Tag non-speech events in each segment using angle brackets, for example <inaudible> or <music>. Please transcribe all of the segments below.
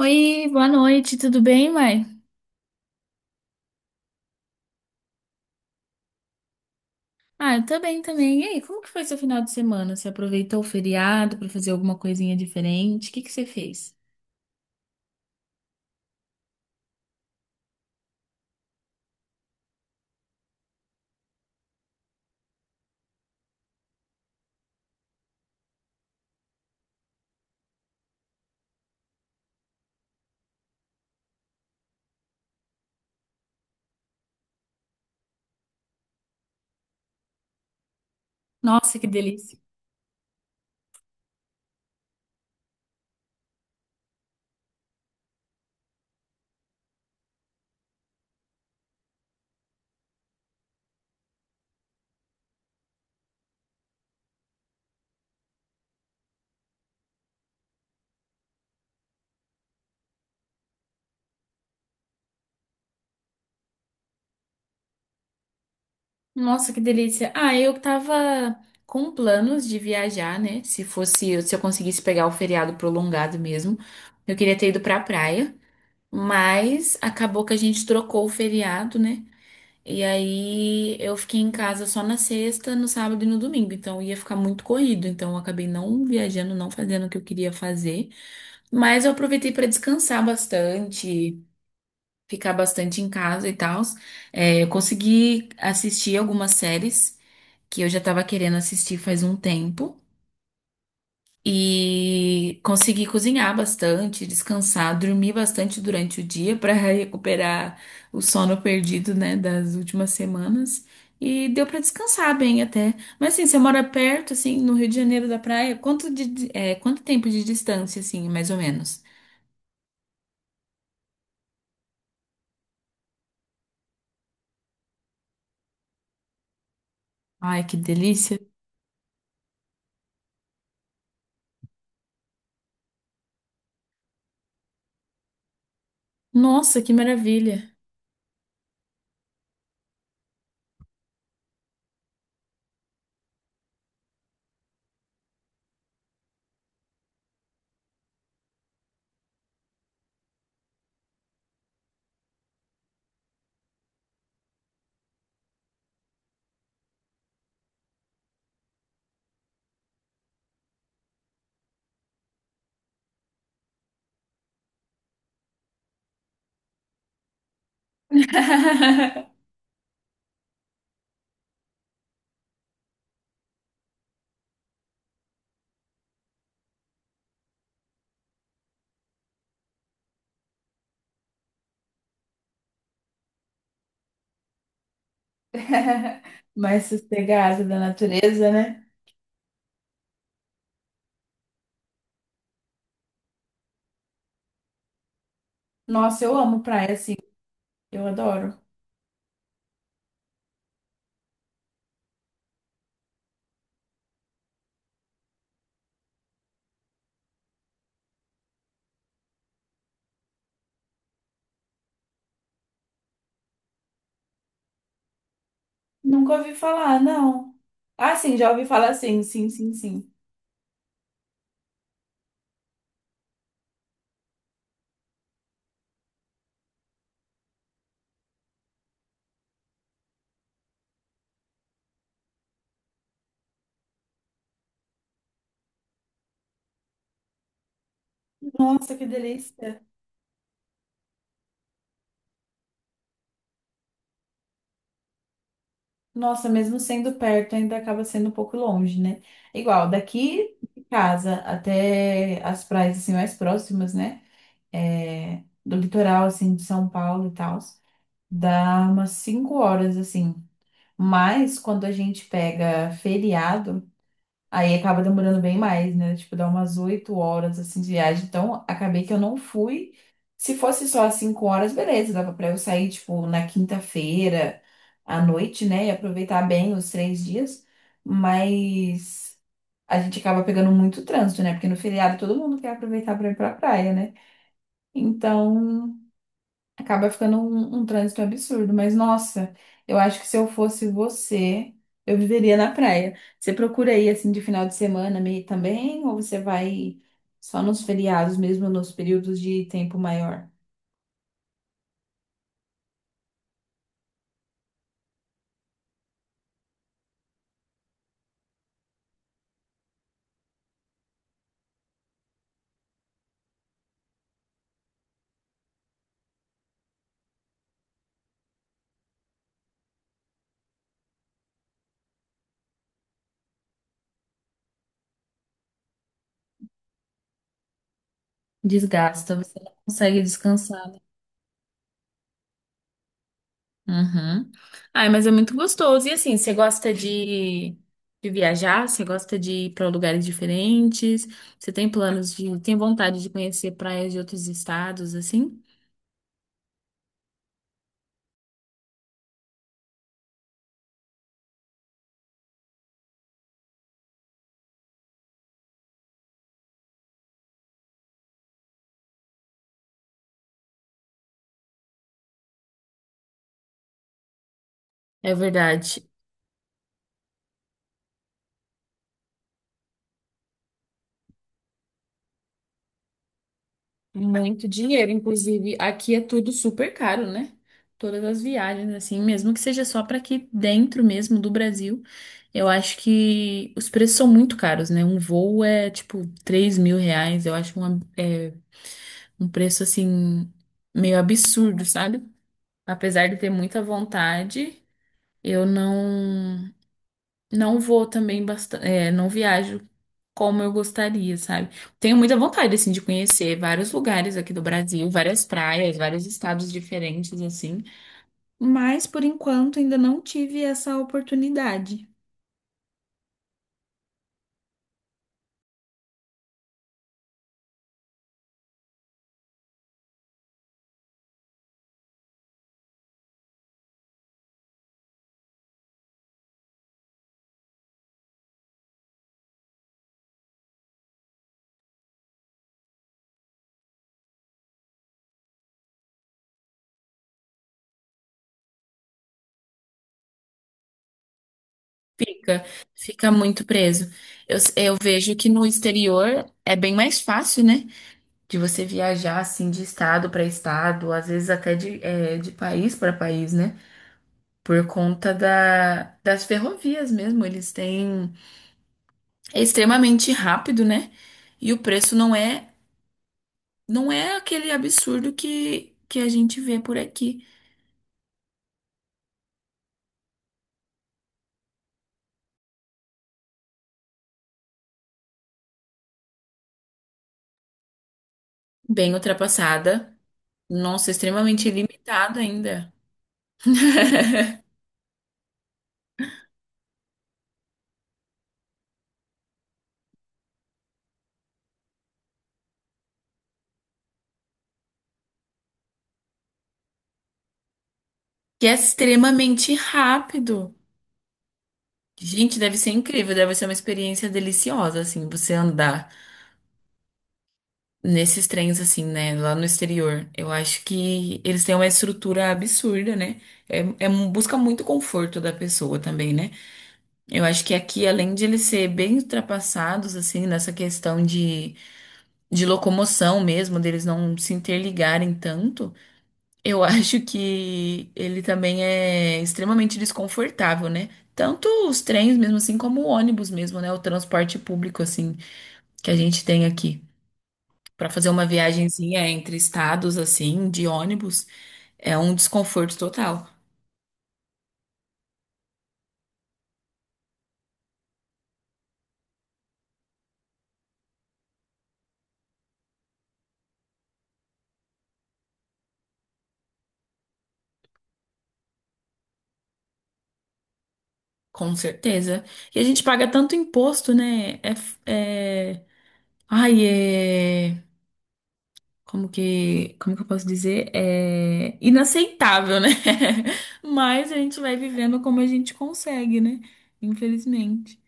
Oi, boa noite, tudo bem, mãe? Ah, eu tô bem também. E aí, como que foi seu final de semana? Você aproveitou o feriado pra fazer alguma coisinha diferente? O que que você fez? Nossa, que delícia. Nossa, que delícia. Ah, eu tava com planos de viajar, né? Se eu conseguisse pegar o feriado prolongado mesmo, eu queria ter ido pra praia, mas acabou que a gente trocou o feriado, né? E aí eu fiquei em casa só na sexta, no sábado e no domingo, então ia ficar muito corrido, então eu acabei não viajando, não fazendo o que eu queria fazer, mas eu aproveitei para descansar bastante, ficar bastante em casa e tal. É, eu consegui assistir algumas séries que eu já estava querendo assistir faz um tempo. E consegui cozinhar bastante, descansar, dormir bastante durante o dia para <laughs> recuperar o sono perdido, né, das últimas semanas. E deu para descansar bem até. Mas assim, você mora perto, assim, no Rio de Janeiro da praia, quanto tempo de distância, assim, mais ou menos? Ai, que delícia! Nossa, que maravilha! <laughs> Mais sossegado da natureza, né? Nossa, eu amo praia, assim, eu adoro. Nunca ouvi falar, não. Ah, sim, já ouvi falar, sim, sim, sim, sim. Nossa, que delícia. Nossa, mesmo sendo perto, ainda acaba sendo um pouco longe, né? Igual, daqui de casa até as praias assim, mais próximas, né? É, do litoral, assim, de São Paulo e tal, dá umas 5 horas, assim. Mas quando a gente pega feriado, aí acaba demorando bem mais, né? Tipo, dá umas 8 horas assim de viagem. Então, acabei que eu não fui. Se fosse só as 5 horas, beleza, dava pra eu sair, tipo, na quinta-feira à noite, né? E aproveitar bem os 3 dias. Mas a gente acaba pegando muito trânsito, né? Porque no feriado todo mundo quer aproveitar pra ir pra praia, né? Então, acaba ficando um trânsito absurdo, mas nossa, eu acho que se eu fosse você, eu viveria na praia. Você procura aí assim de final de semana meio também, ou você vai só nos feriados mesmo, nos períodos de tempo maior? Desgasta, você não consegue descansar, né? Uhum. Ai, mas é muito gostoso. E assim, você gosta de viajar? Você gosta de ir para lugares diferentes? Você tem tem vontade de conhecer praias de outros estados, assim? É verdade. Muito dinheiro, inclusive aqui é tudo super caro, né? Todas as viagens, assim, mesmo que seja só para aqui dentro mesmo do Brasil, eu acho que os preços são muito caros, né? Um voo é tipo R$ 3.000, eu acho um preço assim meio absurdo, sabe? Apesar de ter muita vontade, eu não vou também bastante, não viajo como eu gostaria, sabe? Tenho muita vontade, assim, de conhecer vários lugares aqui do Brasil, várias praias, vários estados diferentes, assim. Mas, por enquanto, ainda não tive essa oportunidade. Fica, fica muito preso. Eu vejo que no exterior é bem mais fácil, né? De você viajar, assim, de estado para estado, às vezes até de país para país, né? Por conta das ferrovias mesmo. Eles têm. É extremamente rápido, né? E o preço não é aquele absurdo que a gente vê por aqui. Bem ultrapassada, nossa, extremamente limitado ainda. <laughs> Que é extremamente rápido. Gente, deve ser incrível, deve ser uma experiência deliciosa assim, você andar nesses trens assim, né, lá no exterior. Eu acho que eles têm uma estrutura absurda, né? É, busca muito conforto da pessoa também, né? Eu acho que aqui, além de eles serem bem ultrapassados, assim, nessa questão de locomoção mesmo, deles não se interligarem tanto, eu <laughs> acho que ele também é extremamente desconfortável, né? Tanto os trens mesmo assim, como o ônibus mesmo, né? O transporte público, assim, que a gente tem aqui. Pra fazer uma viagenzinha entre estados, assim, de ônibus, é um desconforto total, com certeza. E a gente paga tanto imposto, né? É. Ai, é. Como que eu posso dizer? É inaceitável, né? <laughs> Mas a gente vai vivendo como a gente consegue, né? Infelizmente.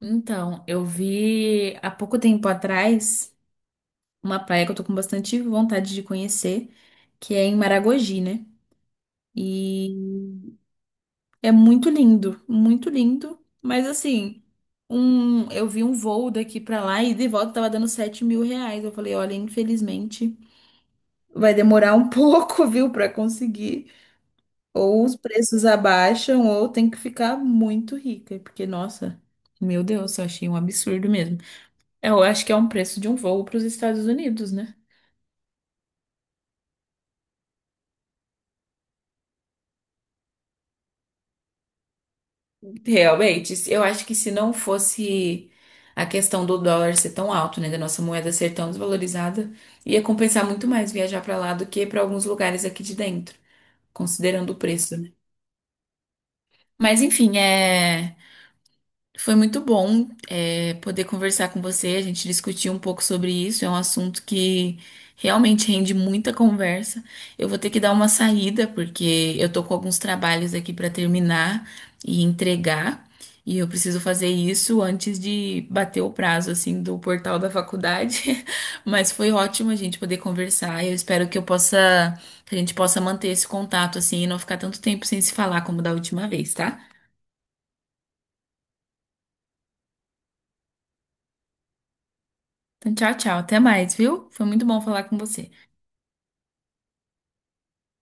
Então, eu vi há pouco tempo atrás uma praia que eu tô com bastante vontade de conhecer, que é em Maragogi, né? E é muito lindo, muito lindo. Mas assim, eu vi um voo daqui pra lá e de volta tava dando R$ 7.000. Eu falei, olha, infelizmente. Vai demorar um <laughs> pouco, viu, para conseguir. Ou os preços abaixam, ou tem que ficar muito rica, porque, nossa, meu Deus, eu achei um absurdo mesmo. Eu acho que é um preço de um voo para os Estados Unidos, né? Realmente, eu acho que se não fosse a questão do dólar ser tão alto, né, da nossa moeda ser tão desvalorizada, ia compensar muito mais viajar para lá do que para alguns lugares aqui de dentro, considerando o preço, né? Mas enfim, é. Foi muito bom, poder conversar com você, a gente discutir um pouco sobre isso. É um assunto que realmente rende muita conversa. Eu vou ter que dar uma saída, porque eu tô com alguns trabalhos aqui para terminar e entregar, e eu preciso fazer isso antes de bater o prazo, assim, do portal da faculdade. <laughs> Mas foi ótimo a gente poder conversar. Eu espero que a gente possa manter esse contato, assim, e não ficar tanto tempo sem se falar como da última vez, tá? Então, tchau, tchau. Até mais, viu? Foi muito bom falar com você.